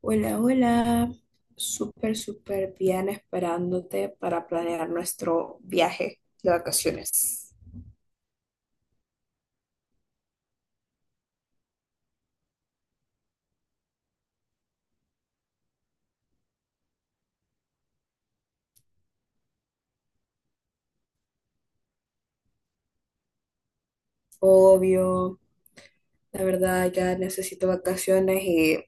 Hola, hola. Súper, súper bien esperándote para planear nuestro viaje de vacaciones. Obvio, la verdad ya necesito vacaciones y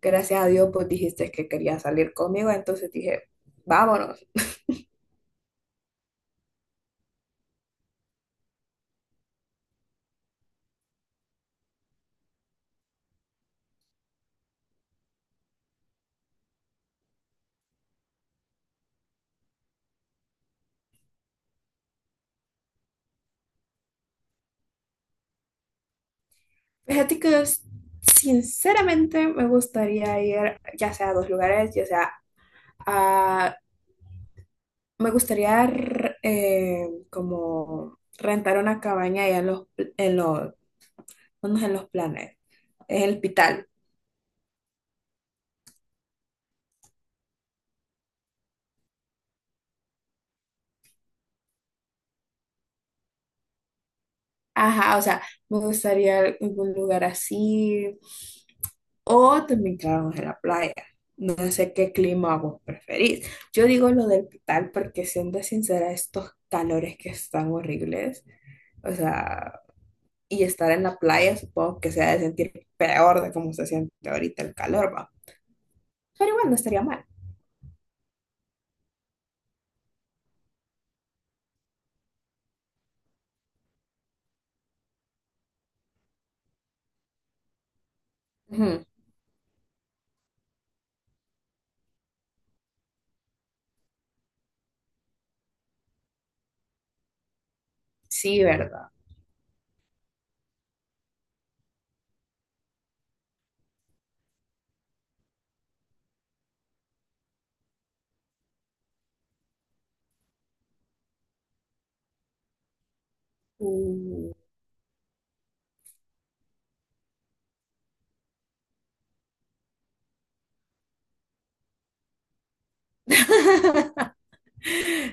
gracias a Dios pues dijiste que querías salir conmigo, entonces dije, vámonos. Fíjate que sinceramente me gustaría ir ya sea a dos lugares, ya sea a... Me gustaría como rentar una cabaña allá en los unos en los planes, en el hospital. Ajá, o sea, me gustaría algún lugar así. O también quedarnos en la playa. No sé qué clima vos preferís. Yo digo lo del hospital porque, siendo sincera, estos calores que están horribles, o sea, y estar en la playa supongo que se ha de sentir peor de cómo se siente ahorita el calor, va. Pero igual no estaría mal. Ujú. Sí, ¿verdad? Uh.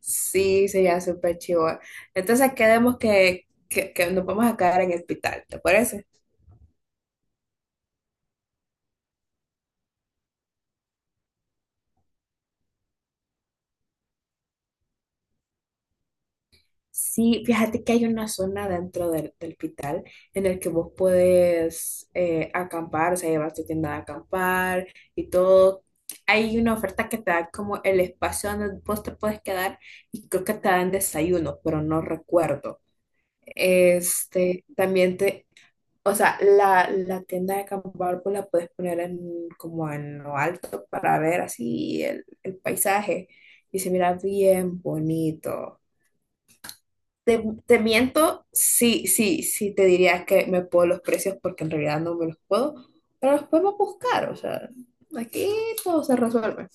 Sí, sería súper chivo. Entonces quedemos que nos vamos a quedar en el hospital, ¿te parece? Sí, fíjate que hay una zona dentro del hospital en el que vos podés acampar, o sea, llevar tu tienda de acampar y todo. Hay una oferta que te da como el espacio donde vos te puedes quedar y creo que te dan desayuno, pero no recuerdo. Este, también te, o sea, la tienda de acampar pues la puedes poner en, como en lo alto para ver así el paisaje y se mira bien bonito. Te, te miento, sí, sí, sí, te diría que me puedo los precios porque en realidad no me los puedo, pero los podemos buscar, o sea, aquí todo se resuelve.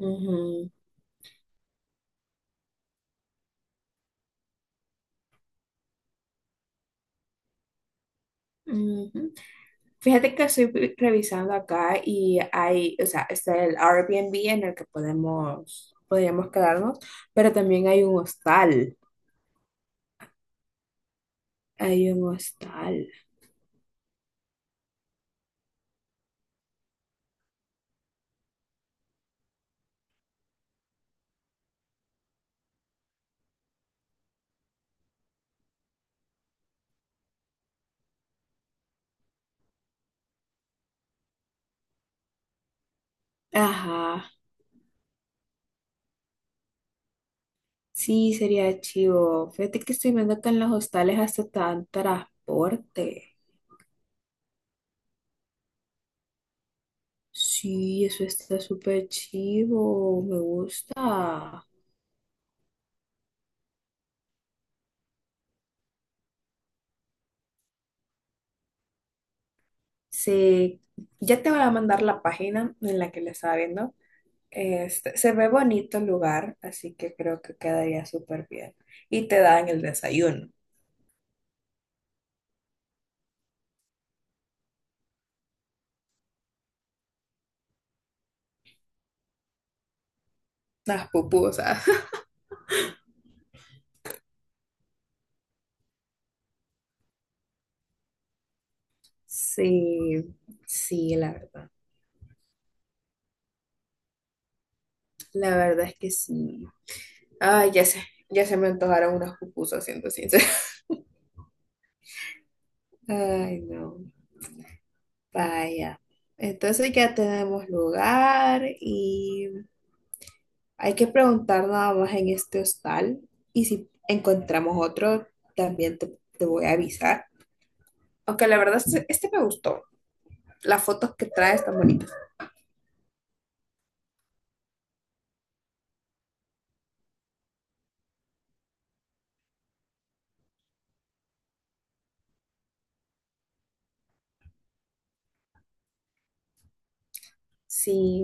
Ujú, ujú. Fíjate que estoy revisando acá y hay, o sea, está el Airbnb en el que podemos, podríamos quedarnos, pero también hay un hostal. Hay un hostal. Ajá. Sí, sería chivo. Fíjate que estoy viendo que en los hostales hasta te dan transporte. Sí, eso está súper chivo. Me gusta. Sí, ya te voy a mandar la página en la que la estaba viendo. Este, se ve bonito el lugar, así que creo que quedaría súper bien. Y te dan el desayuno, las pupusas. Sí, sí, la verdad. La verdad es que sí. Ay, ya sé, ya se me antojaron unas pupusas, siendo sincera. Ay, no, vaya. Entonces ya tenemos lugar y hay que preguntar nada más en este hostal. Y si encontramos otro, también te voy a avisar. Aunque la verdad, este me gustó. Las fotos que trae están bonitas. Sí.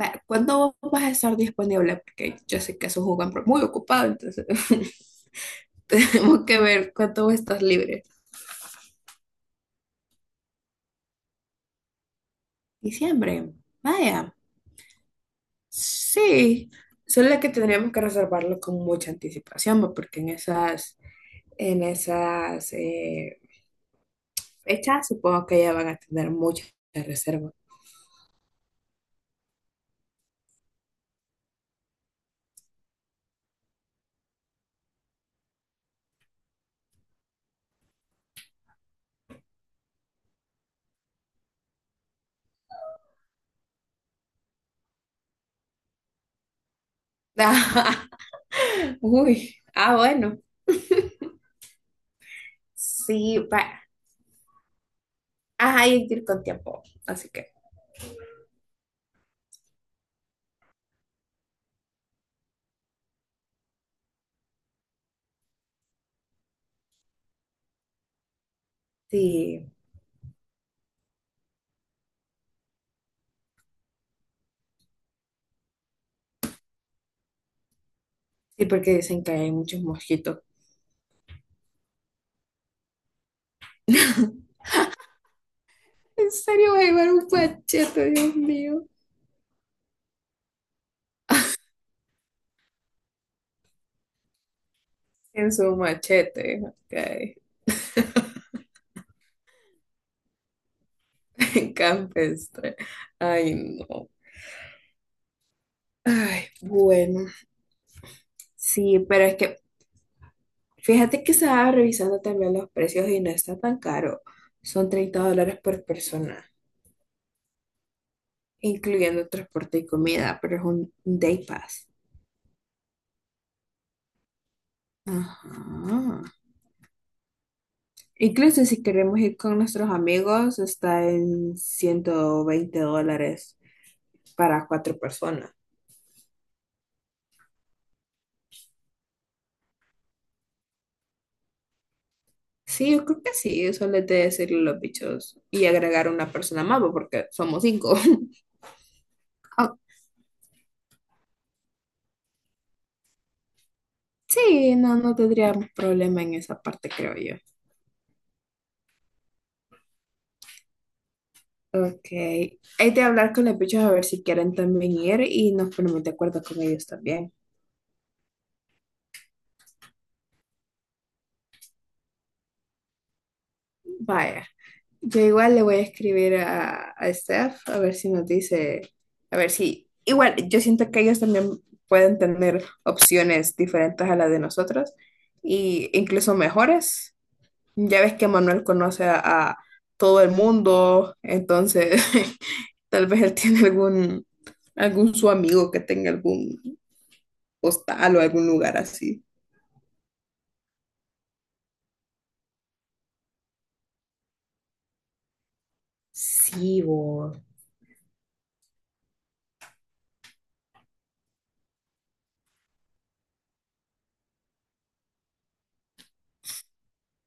Va, ¿cuándo vas a estar disponible? Porque yo sé que es un jugador muy ocupado, entonces tenemos que ver cuándo estás libre. Diciembre. Vaya. Sí. Solo que tendríamos que reservarlo con mucha anticipación, ¿va? Porque en esas, en esas fechas supongo que ya van a tener muchas reservas. Uy. Ah, bueno. Sí, va. Ajá, hay que ir con tiempo. Así que sí. Sí, porque dicen que hay muchos mosquitos. ¿En serio va a llevar un machete, Dios mío? En su machete, ok. Campestre. Ay, no. Ay, bueno. Sí, pero es que fíjate que estaba revisando también los precios y no está tan caro. Son $30 por persona, incluyendo transporte y comida, pero es un day pass. Ajá. Incluso si queremos ir con nuestros amigos, está en $120 para cuatro personas. Sí, yo creo que sí, eso les de decirle a los bichos y agregar una persona más, bo, porque somos cinco. Ah, sí, no, no tendríamos problema en esa parte, creo yo. Ok, hay de hablar con los bichos a ver si quieren también ir y nos ponemos de acuerdo con ellos también. Vaya, yo igual le voy a escribir a Steph a ver si nos dice, a ver si, igual, yo siento que ellos también pueden tener opciones diferentes a las de nosotros y incluso mejores. Ya ves que Manuel conoce a todo el mundo, entonces tal vez él tiene algún, algún su amigo que tenga algún hostal o algún lugar así. Sí, vos.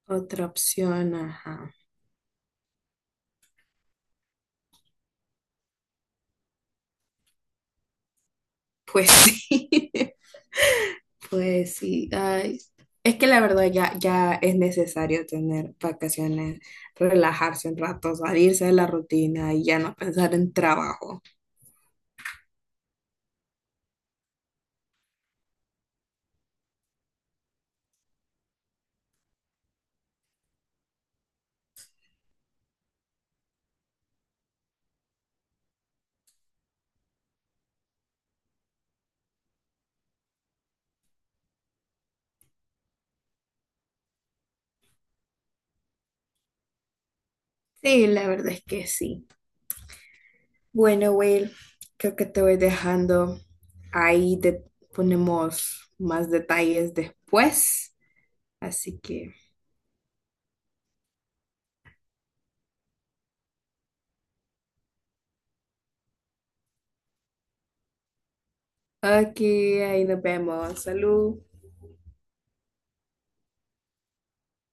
Otra opción, ajá. Pues sí, pues sí. Ay. Es que la verdad ya, ya es necesario tener vacaciones, relajarse un rato, salirse de la rutina y ya no pensar en trabajo. Sí, la verdad es que sí. Bueno, Will, creo que te voy dejando. Ahí te ponemos más detalles después. Así que, aquí, ahí nos vemos. Salud.